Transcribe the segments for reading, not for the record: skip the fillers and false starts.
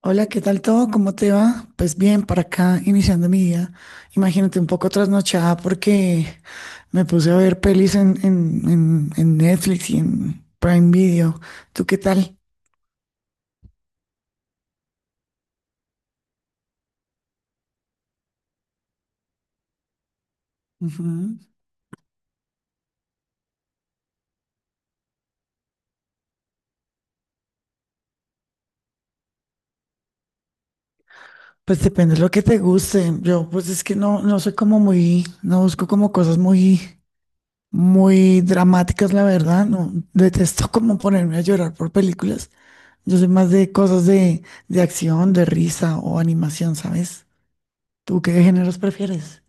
Hola, ¿qué tal todo? ¿Cómo te va? Pues bien, para acá, iniciando mi día. Imagínate un poco trasnochada porque me puse a ver pelis en Netflix y en Prime Video. ¿Tú qué tal? Ujú. Pues depende de lo que te guste. Yo, pues es que no soy como muy, no busco como cosas muy, muy dramáticas, la verdad. No, detesto como ponerme a llorar por películas. Yo soy más de cosas de acción, de risa o animación, ¿sabes? ¿Tú qué géneros prefieres?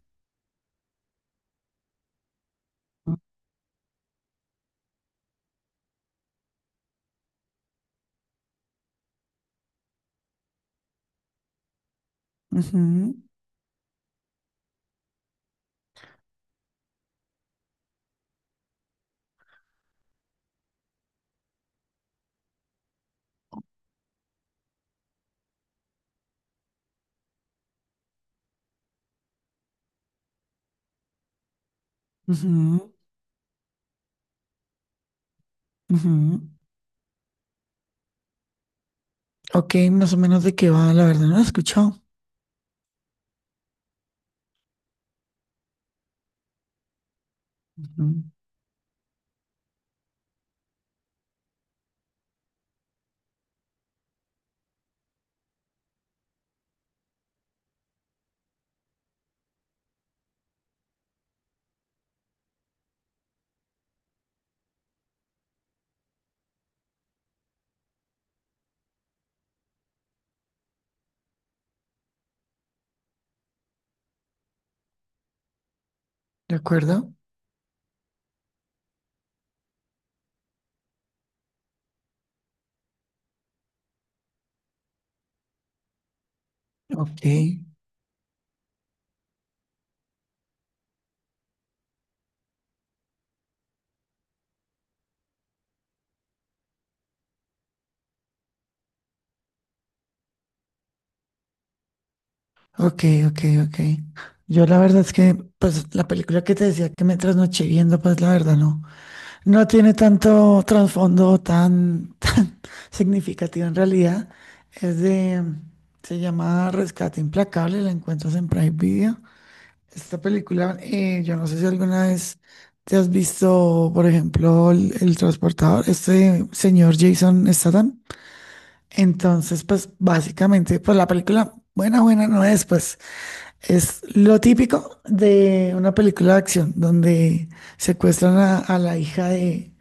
Ujú, ujú, ujú. Ok, más o menos de qué va, la verdad no lo he escuchado. Ujú. ¿De acuerdo? Ok, ok, ok, ok. Yo la verdad es que, pues, la película que te decía que me trasnoché viendo, pues, la verdad no. No tiene tanto trasfondo tan, tan significativo en realidad. Es de, Se llama Rescate Implacable, la encuentras en Prime Video. Esta película, yo no sé si alguna vez te has visto, por ejemplo, el transportador, este señor Jason Statham. Entonces, pues básicamente, pues la película buena, buena no es, pues es lo típico de una película de acción, donde secuestran a la hija de,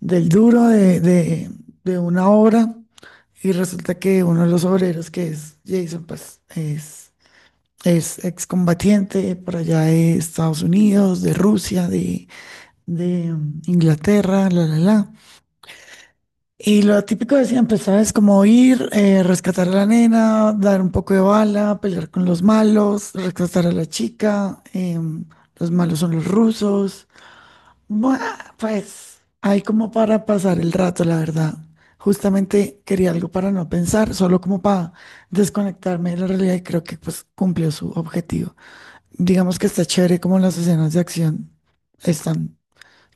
del duro de, de, de una obra, y resulta que uno de los obreros, que es Jason, pues es excombatiente por allá de Estados Unidos, de Rusia, de Inglaterra, la. Y lo típico de siempre, ¿sabes? Como ir, rescatar a la nena, dar un poco de bala, pelear con los malos, rescatar a la chica, los malos son los rusos. Buah, pues hay como para pasar el rato, la verdad. Justamente quería algo para no pensar, solo como para desconectarme de la realidad, y creo que pues cumplió su objetivo. Digamos que está chévere, como las escenas de acción están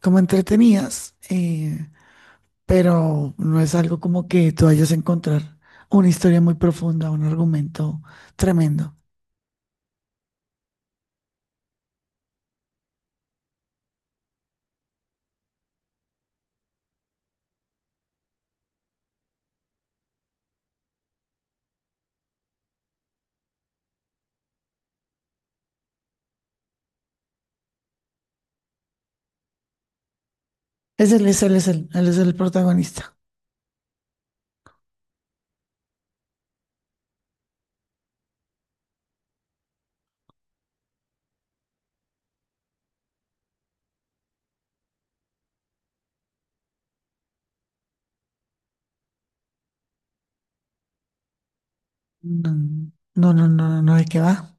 como entretenidas, pero no es algo como que tú vayas a encontrar una historia muy profunda, un argumento tremendo. Es él, es él, es él, él es el protagonista. No, no, no, ¿de qué va?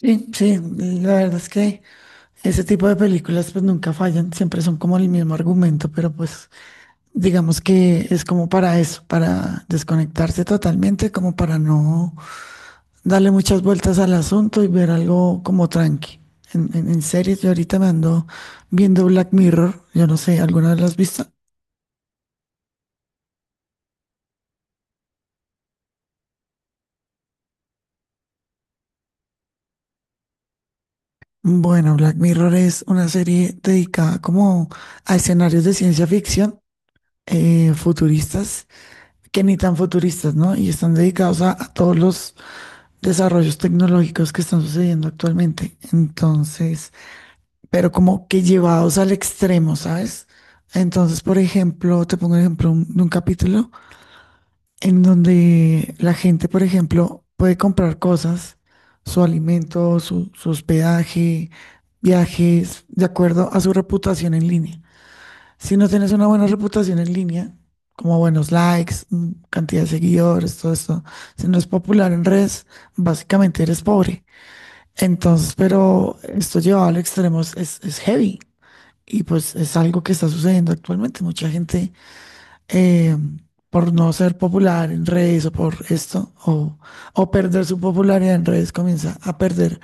Sí, sí, la verdad es que ese tipo de películas pues nunca fallan, siempre son como el mismo argumento, pero pues digamos que es como para eso, para desconectarse totalmente, como para no darle muchas vueltas al asunto y ver algo como tranqui. En series, yo ahorita me ando viendo Black Mirror. Yo no sé, ¿alguna vez la has visto? Bueno, Black Mirror es una serie dedicada como a escenarios de ciencia ficción futuristas, que ni tan futuristas, ¿no? Y están dedicados a todos los desarrollos tecnológicos que están sucediendo actualmente. Entonces, pero como que llevados al extremo, ¿sabes? Entonces, por ejemplo, te pongo un ejemplo de un capítulo en donde la gente, por ejemplo, puede comprar cosas, su alimento, su hospedaje, viajes, de acuerdo a su reputación en línea. Si no tienes una buena reputación en línea, como buenos likes, cantidad de seguidores, todo esto, si no es popular en redes, básicamente eres pobre. Entonces, pero esto llevado al extremo es heavy, y pues es algo que está sucediendo actualmente. Mucha gente eh, por no ser popular en redes o por esto, o perder su popularidad en redes, comienza a perder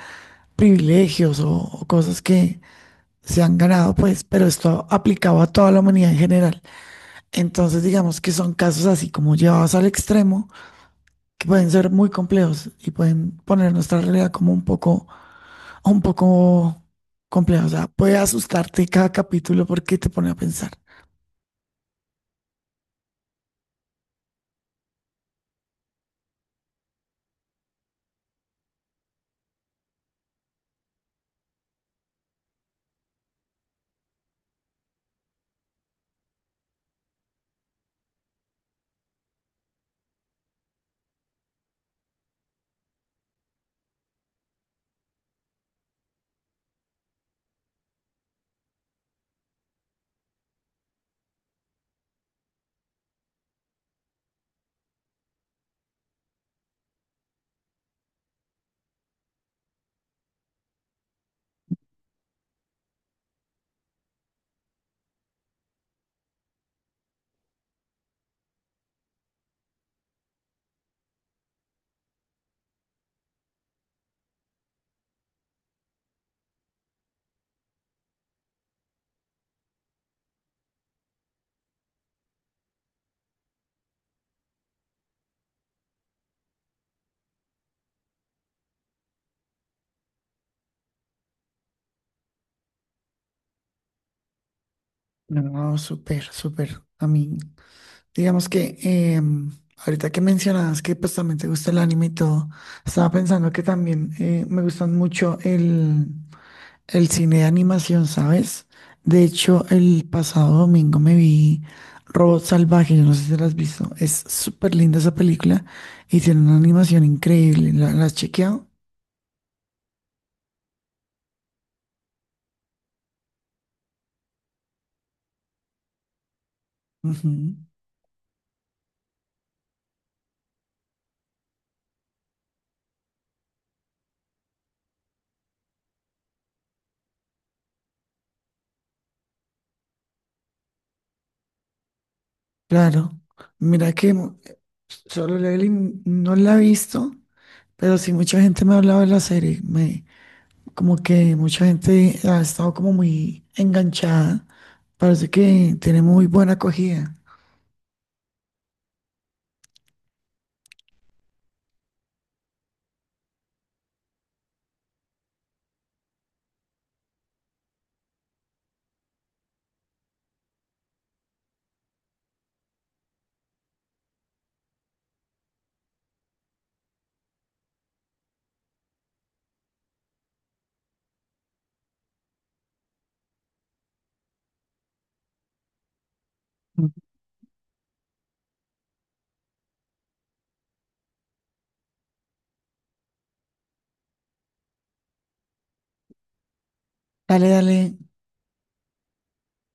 privilegios o cosas que se han ganado, pues, pero esto aplicado a toda la humanidad en general. Entonces, digamos que son casos así como llevados al extremo, que pueden ser muy complejos y pueden poner nuestra realidad como un poco compleja. O sea, puede asustarte cada capítulo porque te pone a pensar. No, súper, súper. A mí digamos que ahorita que mencionabas que pues también te gusta el anime y todo, estaba pensando que también me gustan mucho el cine de animación, ¿sabes? De hecho, el pasado domingo me vi Robot Salvaje. Yo no sé si la has visto, es súper linda esa película y tiene una animación increíble. La has chequeado? Ujú. Claro, mira que Solo Leveling no la he visto, pero sí mucha gente me ha hablado de la serie. Me, como que mucha gente ha estado como muy enganchada. Parece que tiene muy buena acogida. Ujú. Dale, dale,